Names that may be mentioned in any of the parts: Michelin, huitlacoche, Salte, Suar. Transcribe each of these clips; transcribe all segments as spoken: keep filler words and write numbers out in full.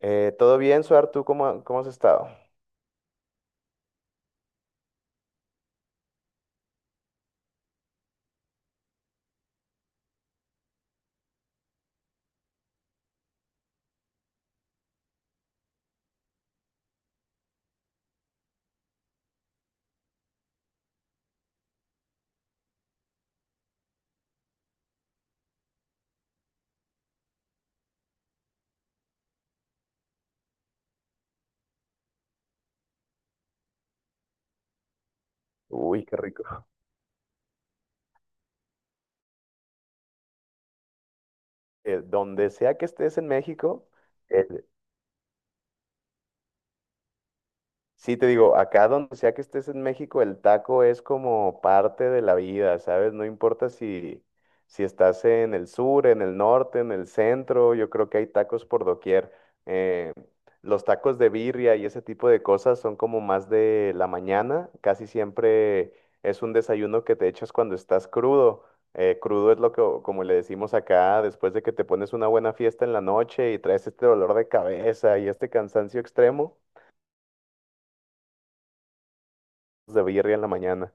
Eh, ¿todo bien, Suar? ¿Tú cómo, cómo has estado? Uy, qué rico. Eh, donde sea que estés en México, el- Sí, te digo, acá donde sea que estés en México, el taco es como parte de la vida, ¿sabes? No importa si, si estás en el sur, en el norte, en el centro, yo creo que hay tacos por doquier. Eh, los tacos de birria y ese tipo de cosas son como más de la mañana, casi siempre es un desayuno que te echas cuando estás crudo. Eh, crudo es lo que, o- como le decimos acá, después de que te pones una buena fiesta en la noche y traes este dolor de cabeza y este cansancio extremo. De birria en la mañana.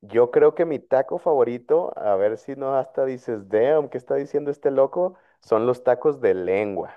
Yo creo que mi taco favorito, a ver si no hasta dices, damn, ¿qué está diciendo este loco? Son los tacos de lengua.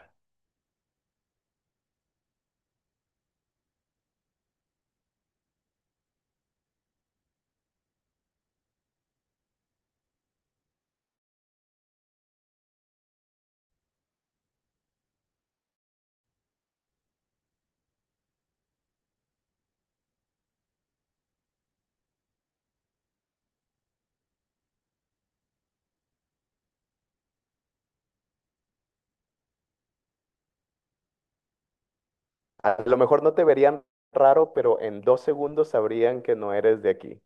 A lo mejor no te verían raro, pero en dos segundos sabrían que no eres de aquí.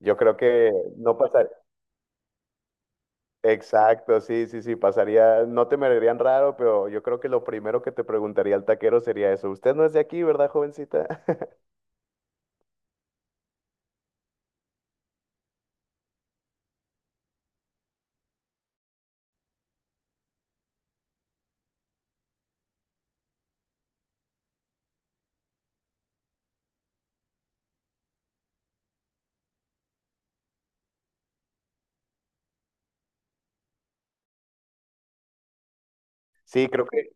Yo creo que no pasaría. Exacto, sí, sí, sí, pasaría, no te mirarían raro, pero yo creo que lo primero que te preguntaría el taquero sería eso. ¿Usted no es de aquí, verdad, jovencita? Sí, creo que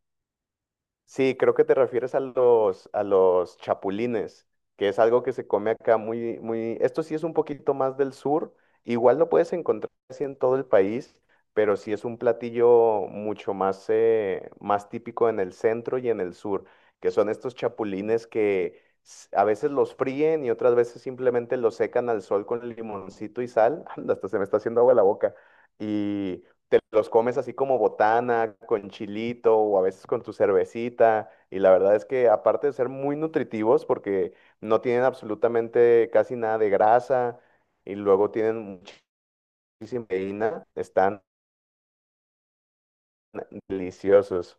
Sí, creo que te refieres a los, a los chapulines, que es algo que se come acá muy, muy, esto sí es un poquito más del sur, igual lo puedes encontrar así en todo el país, pero sí es un platillo mucho más, eh, más típico en el centro y en el sur, que son estos chapulines que s- a veces los fríen y otras veces simplemente los secan al sol con limoncito y sal, hasta se me está haciendo agua la boca, y te los comes así como botana, con chilito o a veces con tu cervecita. Y la verdad es que aparte de ser muy nutritivos, porque no tienen absolutamente casi nada de grasa y luego tienen muchísima proteína, están deliciosos.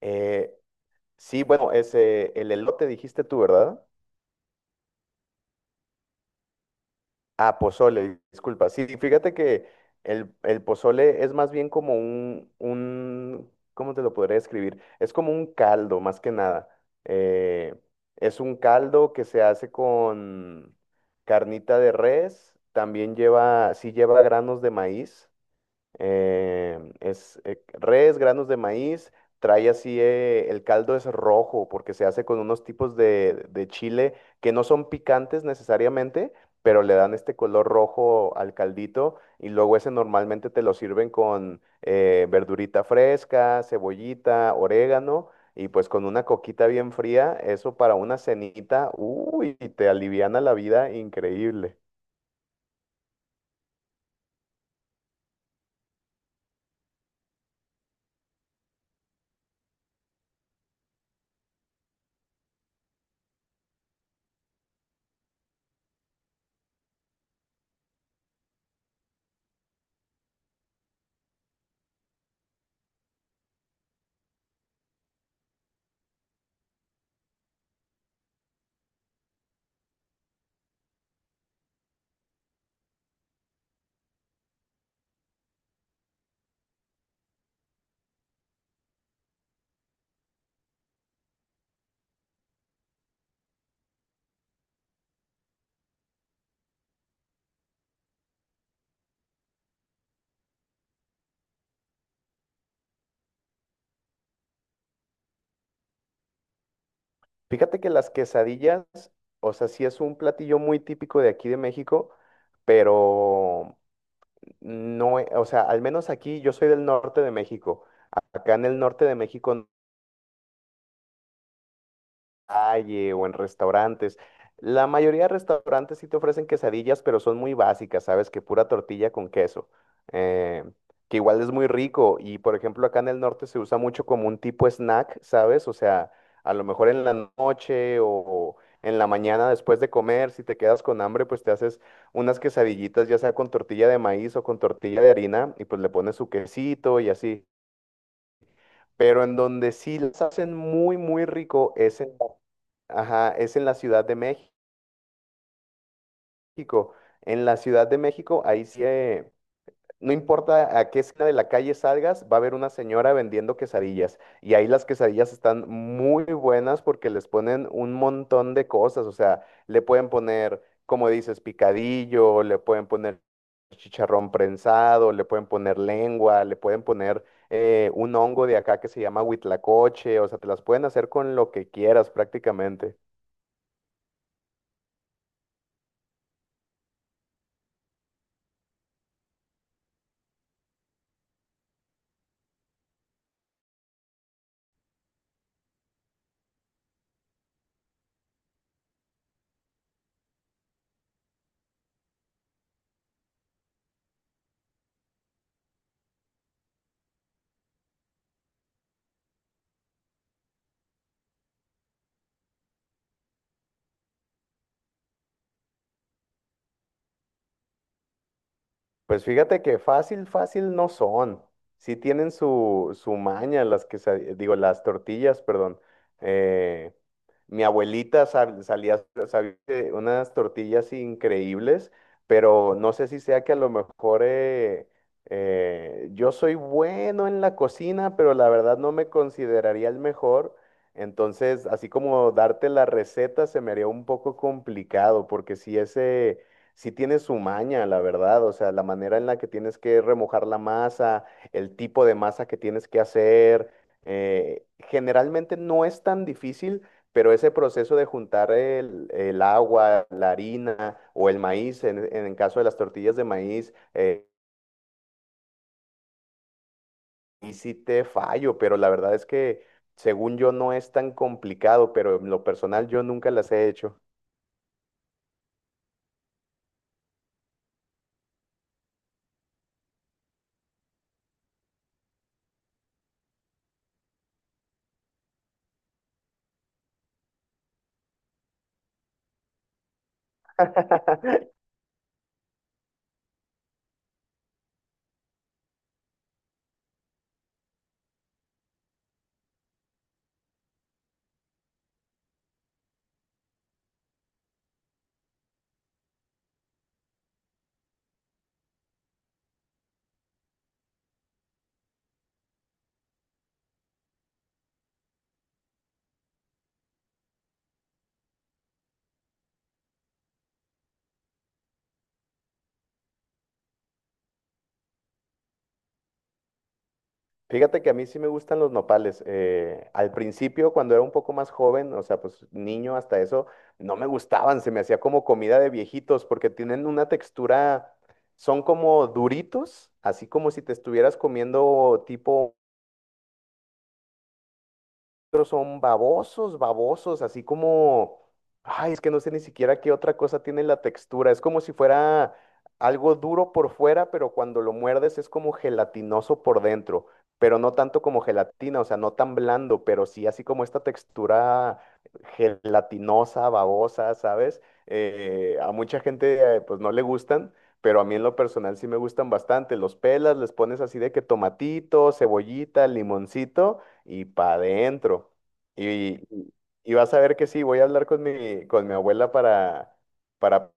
Eh, sí, bueno, ese, el elote dijiste tú, ¿verdad? Ah, pozole, disculpa. Sí, fíjate que el, el pozole es más bien como un, un, ¿cómo te lo podría describir? Es como un caldo, más que nada. Eh, es un caldo que se hace con carnita de res, también lleva, sí lleva granos de maíz, eh, es eh, res, granos de maíz, trae así, eh, el caldo es rojo porque se hace con unos tipos de, de chile que no son picantes necesariamente, pero le dan este color rojo al caldito y luego ese normalmente te lo sirven con eh, verdurita fresca, cebollita, orégano. Y pues con una coquita bien fría, eso para una cenita, uy, te aliviana la vida increíble. Fíjate que las quesadillas, o sea, sí es un platillo muy típico de aquí de México, pero no, e- o sea, al menos aquí yo soy del norte de México. Acá en el norte de México, calle o en restaurantes. La mayoría de restaurantes sí te ofrecen quesadillas, pero son muy básicas, ¿sabes? Que pura tortilla con queso, eh, que igual es muy rico. Y por ejemplo, acá en el norte se usa mucho como un tipo snack, ¿sabes? O sea, a lo mejor en la noche o en la mañana después de comer, si te quedas con hambre, pues te haces unas quesadillitas, ya sea con tortilla de maíz o con tortilla de harina, y pues le pones su quesito y así. Pero en donde sí las hacen muy, muy rico es en Ajá, es en la Ciudad de México. En la Ciudad de México, ahí sí, eh, no importa a qué esquina de la calle salgas, va a haber una señora vendiendo quesadillas. Y ahí las quesadillas están muy buenas porque les ponen un montón de cosas. O sea, le pueden poner, como dices, picadillo, le pueden poner chicharrón prensado, le pueden poner lengua, le pueden poner eh, un hongo de acá que se llama huitlacoche. O sea, te las pueden hacer con lo que quieras prácticamente. Pues fíjate que fácil, fácil no son. Sí tienen su, su maña, las que digo, las tortillas, perdón. Eh, Mi abuelita sab- salía, sabía hacer unas tortillas increíbles, pero no sé si sea que a lo mejor eh, eh, yo soy bueno en la cocina, pero la verdad no me consideraría el mejor. Entonces, así como darte la receta se me haría un poco complicado, porque si ese sí tiene su maña, la verdad, o sea, la manera en la que tienes que remojar la masa, el tipo de masa que tienes que hacer, eh, generalmente no es tan difícil, pero ese proceso de juntar el, el agua, la harina o el maíz, en, en el caso de las tortillas de maíz, eh, y sí te fallo, pero la verdad es que según yo no es tan complicado, pero en lo personal yo nunca las he hecho. Fíjate que a mí sí me gustan los nopales. Eh, al principio, cuando era un poco más joven, o sea, pues niño hasta eso, no me gustaban, se me hacía como comida de viejitos porque tienen una textura, son como duritos, así como si te estuvieras comiendo tipo, otros son babosos, babosos, así como, ay, es que no sé ni siquiera qué otra cosa tiene la textura. Es como si fuera algo duro por fuera, pero cuando lo muerdes es como gelatinoso por dentro, pero no tanto como gelatina, o sea, no tan blando, pero sí así como esta textura gelatinosa, babosa, ¿sabes? Eh, a mucha gente eh, pues no le gustan. Pero a mí en lo personal sí me gustan bastante. Los pelas, les pones así de que tomatito, cebollita, limoncito y para adentro. Y, y- y vas a ver que sí, voy a hablar con mi, con mi abuela para, para,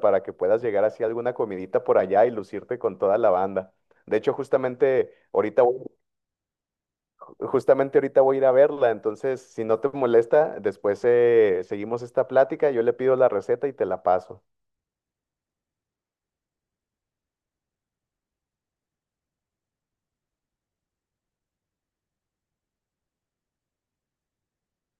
para que puedas llegar así a alguna comidita por allá y lucirte con toda la banda. De hecho, justamente ahorita, voy- justamente ahorita voy a ir a verla, entonces si no te molesta, después eh, seguimos esta plática, yo le pido la receta y te la paso.